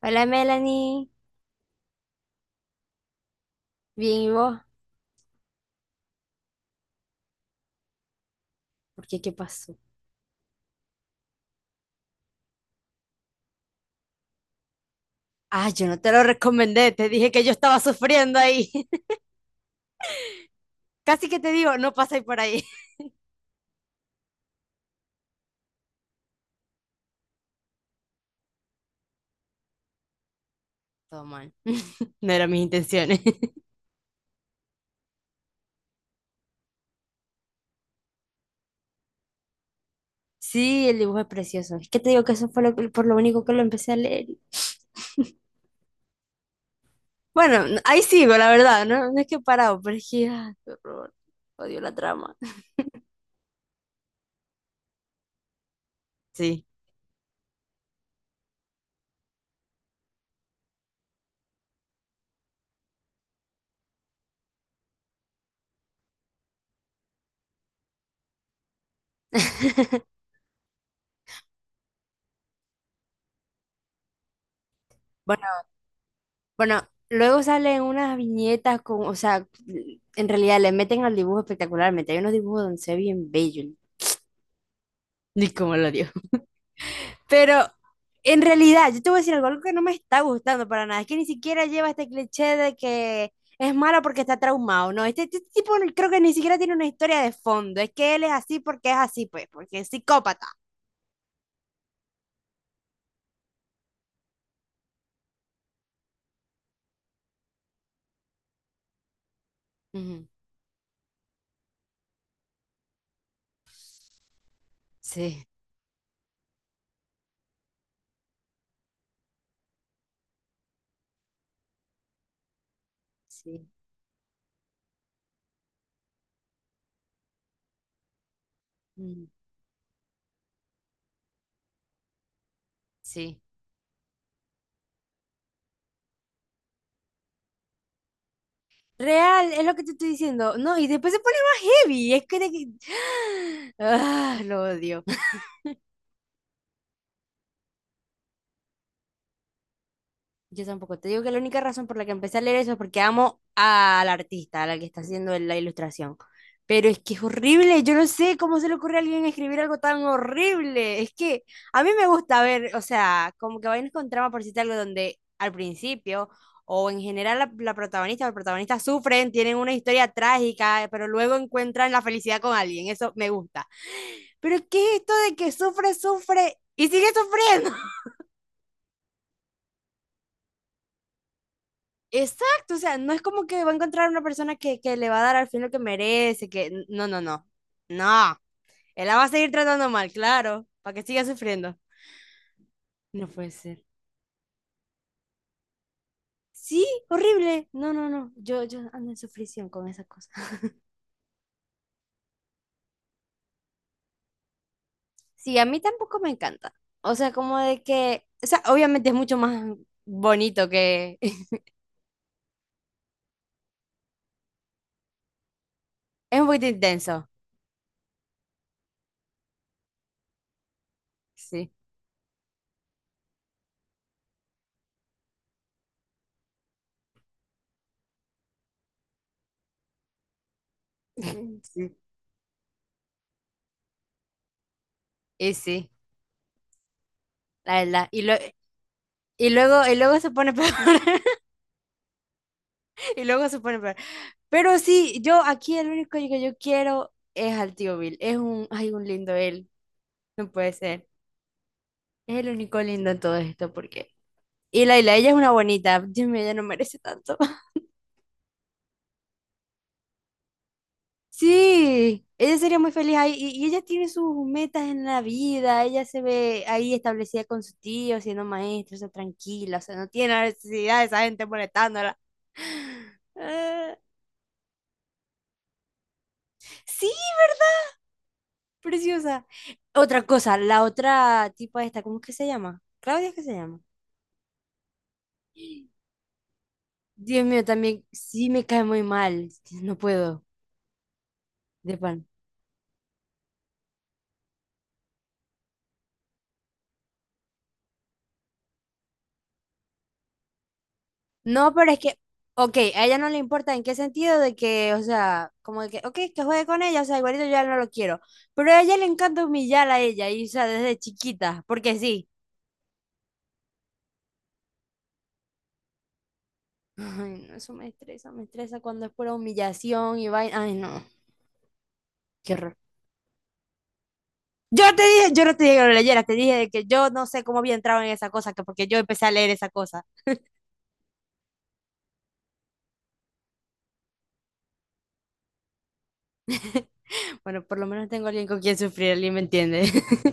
Hola Melanie, bien, ¿y vos? ¿Por qué? ¿Qué pasó? Ah, yo no te lo recomendé, te dije que yo estaba sufriendo ahí. Casi que te digo, no paséis por ahí. Todo mal. No eran mis intenciones. Sí, el dibujo es precioso. Es que te digo que eso fue lo que- por lo único que lo empecé a leer. Y- Bueno, n- ahí sigo, la verdad, no, no es que he parado, pero es que, ah, qué horror. Odio la trama. Sí. Bueno. Bueno, luego salen unas viñetas con, o sea, en realidad le meten al dibujo espectacularmente. Hay unos dibujos donde se ve bien bello, ni cómo lo dio. Pero en realidad, yo te voy a decir algo, algo que no me está gustando para nada. Es que ni siquiera lleva este cliché de que es malo porque está traumado. No, este tipo no- creo que ni siquiera tiene una historia de fondo. Es que él es así porque es así, pues, porque es psicópata. Ujú. Sí, sí, ujú, sí. Real, es lo que te estoy diciendo. No, y después se pone más heavy. Es que... de que- Ah, lo odio. Yo tampoco. Te digo que la única razón por la que empecé a leer eso es porque amo a la artista, a la que está haciendo la ilustración. Pero es que es horrible. Yo no sé cómo se le ocurre a alguien escribir algo tan horrible. Es que a mí me gusta ver, o sea, como que vainas con trama, por decirte algo, donde al principio o en general la protagonista o el protagonista sufren, tienen una historia trágica, pero luego encuentran la felicidad con alguien. Eso me gusta. Pero ¿qué es esto de que sufre, sufre y sigue sufriendo? Exacto, o sea, no es como que va a encontrar una persona que le va a dar al fin lo que merece, que no, no, no, no, él la va a seguir tratando mal, claro, para que siga sufriendo. No puede ser. Sí, horrible. No, no, no, yo ando en sufrición con esa cosa. Sí, a mí tampoco me encanta. O sea, como de que, o sea, obviamente es mucho más bonito que... Es un poquito intenso. Sí, sí. Y sí, la verdad. Y, lo- y luego se pone peor. Y luego se pone peor. Pero sí, yo aquí el único que yo quiero es al tío Bill. Es un, ay, un lindo él. No puede ser. Es el único lindo en todo esto porque... Y Laila, ella es una bonita. Dios mío, ella no merece tanto. Sí, ella sería muy feliz ahí. Y ella tiene sus metas en la vida. Ella se ve ahí establecida con su tío, siendo maestra, o sea, tranquila. O sea, no tiene la necesidad de esa gente molestándola. Eh, sí, preciosa. Otra cosa, la otra tipa esta, ¿cómo es que se llama? ¿Claudia, es que se llama? Dios mío, también sí me cae muy mal. No puedo, de pan. No, pero es que, ok, a ella no le importa en qué sentido de que, o sea, como de que, ok, que juegue con ella, o sea, igualito yo ya no lo quiero. Pero a ella le encanta humillar a ella, y, o sea, desde chiquita, porque sí. Ay, no, eso me estresa cuando es pura humillación y vaina. Ay, no, qué horror. Yo te dije, yo no te dije que lo leyera, te dije de que yo no sé cómo había entrado en esa cosa, que porque yo empecé a leer esa cosa. Bueno, por lo menos tengo alguien con quien sufrir, alguien me entiende.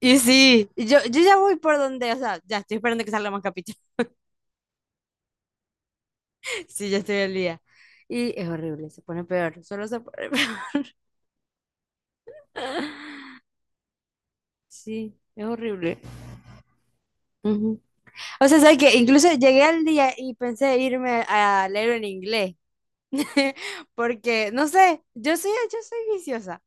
Y sí, yo ya voy por donde, o sea, ya estoy esperando que salga más capítulo. Sí, ya estoy al día. Y es horrible, se pone peor, solo se pone peor. Sí, es horrible. Ujú. O sea, ¿sabes que incluso llegué al día y pensé irme a leer en inglés? Porque, no sé, yo soy viciosa.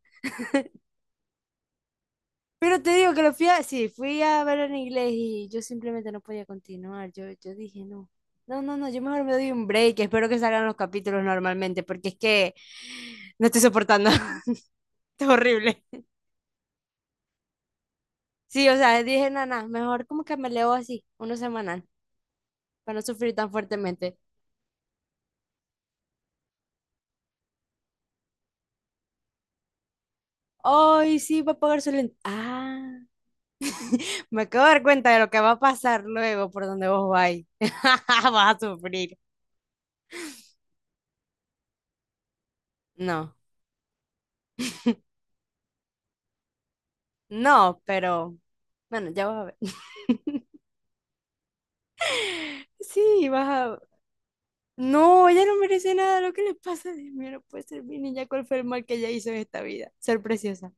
Pero te digo que lo fui a, sí, fui a ver en inglés y yo simplemente no podía continuar. Yo dije, no, no, no, no, yo mejor me doy un break. Espero que salgan los capítulos normalmente, porque es que no estoy soportando. Es horrible. Sí, o sea, dije, nana, mejor como que me leo así, uno semanal, para no sufrir tan fuertemente. Ay, sí, va a pagar su lente. Ah, me acabo de dar cuenta de lo que va a pasar luego por donde vos vais. Vas a sufrir. No, no, pero bueno, ya vas a ver. Sí, vas a... No, ella no merece nada. Lo que le pasa, Dios mío, no puede ser mi niña. ¿Cuál fue el mal que ella hizo en esta vida? Ser preciosa.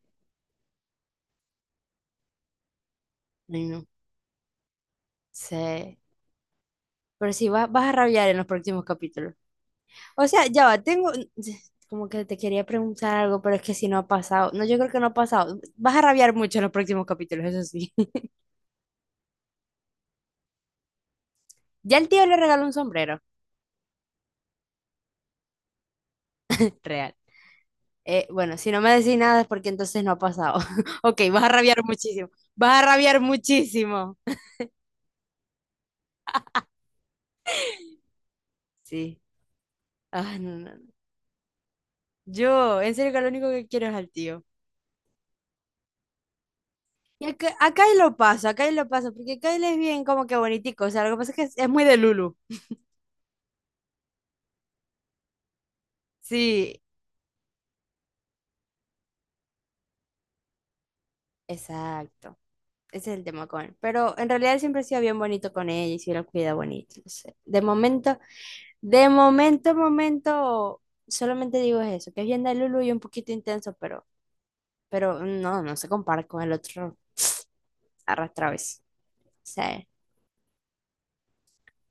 Ay, no. Sí. Pero sí, vas, vas a rabiar en los próximos capítulos. O sea, ya va, tengo... Como que te quería preguntar algo, pero es que si no ha pasado. No, yo creo que no ha pasado. Vas a rabiar mucho en los próximos capítulos, eso sí. Ya el tío le regaló un sombrero. Real. Bueno, si no me decís nada es porque entonces no ha pasado. Ok, vas a rabiar muchísimo. Vas a rabiar muchísimo. Sí. Ah, no, no, no. Yo, en serio que lo único que quiero es al tío. Y acá, acá y lo paso, acá y lo paso, porque acá él es bien como que bonitico. O sea, lo que pasa es que es muy de Lulu. Sí, exacto. Ese es el tema con él. Pero en realidad él siempre ha sido bien bonito con ella y sí lo cuida bonito. No sé. De momento, momento, solamente digo eso, que es bien de Lulu y un poquito intenso, pero no, no se compara con el otro arrastrado ese. O sea,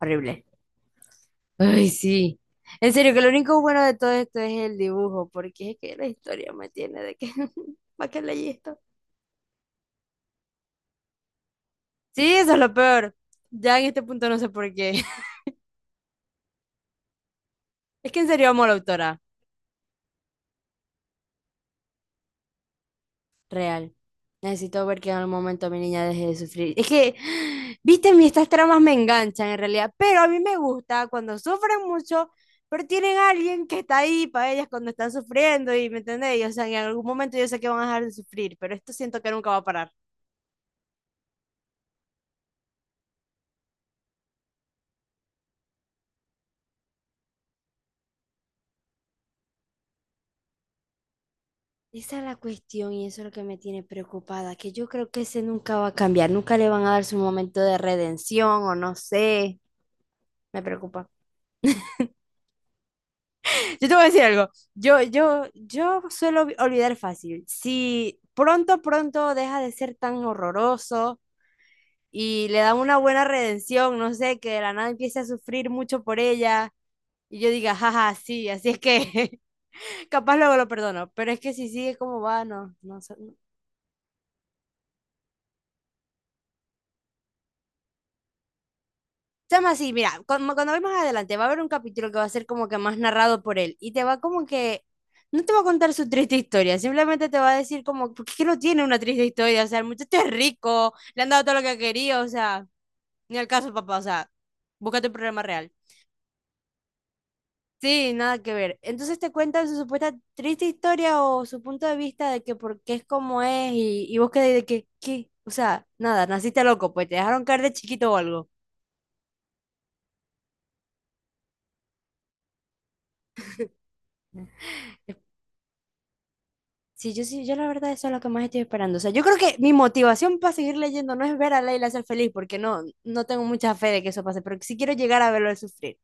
horrible. Ay, sí. En serio, que lo único bueno de todo esto es el dibujo, porque es que la historia me tiene de que, ¿para qué leí esto? Sí, eso es lo peor. Ya en este punto no sé por qué. Es que en serio amo a la autora. Real. Necesito ver que en algún momento mi niña deje de sufrir. Es que, viste, mi estas tramas me enganchan en realidad, pero a mí me gusta cuando sufren mucho, pero tienen a alguien que está ahí para ellas cuando están sufriendo y, ¿me entendéis? O sea, en algún momento yo sé que van a dejar de sufrir, pero esto siento que nunca va a parar. Esa es la cuestión y eso es lo que me tiene preocupada, que yo creo que ese nunca va a cambiar, nunca le van a dar su momento de redención o no sé, me preocupa. Yo te voy a decir algo, yo suelo olvi- olvidar fácil. Si pronto, pronto deja de ser tan horroroso y le dan una buena redención, no sé, que de la nada empiece a sufrir mucho por ella y yo diga, jaja, sí, así es que capaz luego lo perdono, pero es que si sigue como va, no, no, sé, chama, así, mira, cuando voy más adelante va a haber un capítulo que va a ser como que más narrado por él y te va como que, no te va a contar su triste historia, simplemente te va a decir como, porque es que no tiene una triste historia, o sea, el muchacho es rico, le han dado todo lo que quería, o sea, ni al caso, papá, o sea, búscate un problema real. Sí, nada que ver. Entonces te cuentan su supuesta triste historia o su punto de vista de que por qué es como es y vos quedás de que, ¿qué? O sea, nada, naciste loco, pues te dejaron caer de chiquito o algo. Sí, yo sí, yo la verdad eso es lo que más estoy esperando. O sea, yo creo que mi motivación para seguir leyendo no es ver a Leila ser feliz, porque no, no tengo mucha fe de que eso pase, pero sí quiero llegar a verlo sufrir.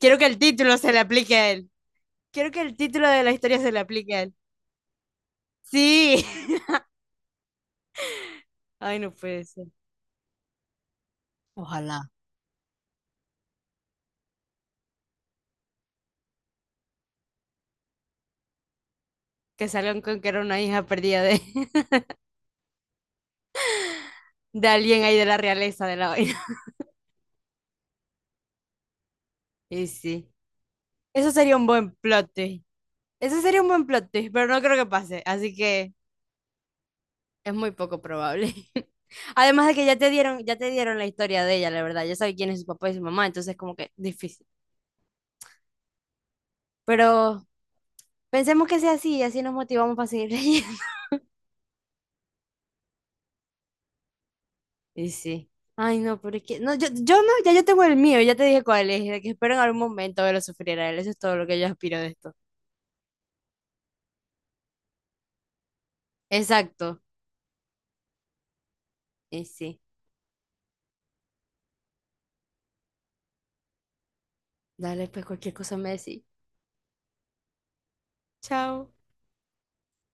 Quiero que el título se le aplique a él. Quiero que el título de la historia se le aplique a él. Sí. Ay, no puede ser. Ojalá. Que salgan con que era una hija perdida de, de alguien ahí de la realeza de la vaina. Y sí. Eso sería un buen plot twist. Eso sería un buen plot twist, pero no creo que pase. Así que... Es muy poco probable. Además de que ya te dieron la historia de ella, la verdad. Ya sabes quién es su papá y su mamá, entonces como que difícil. Pero pensemos que sea así y así nos motivamos para seguir leyendo. Y sí. Ay, no, pero es que no, yo no, ya yo tengo el mío, ya te dije cuál es, de que espero en algún momento verlo sufrir a él. Eso es todo lo que yo aspiro de esto. Exacto. Y sí. Dale, pues cualquier cosa me decís. Chao.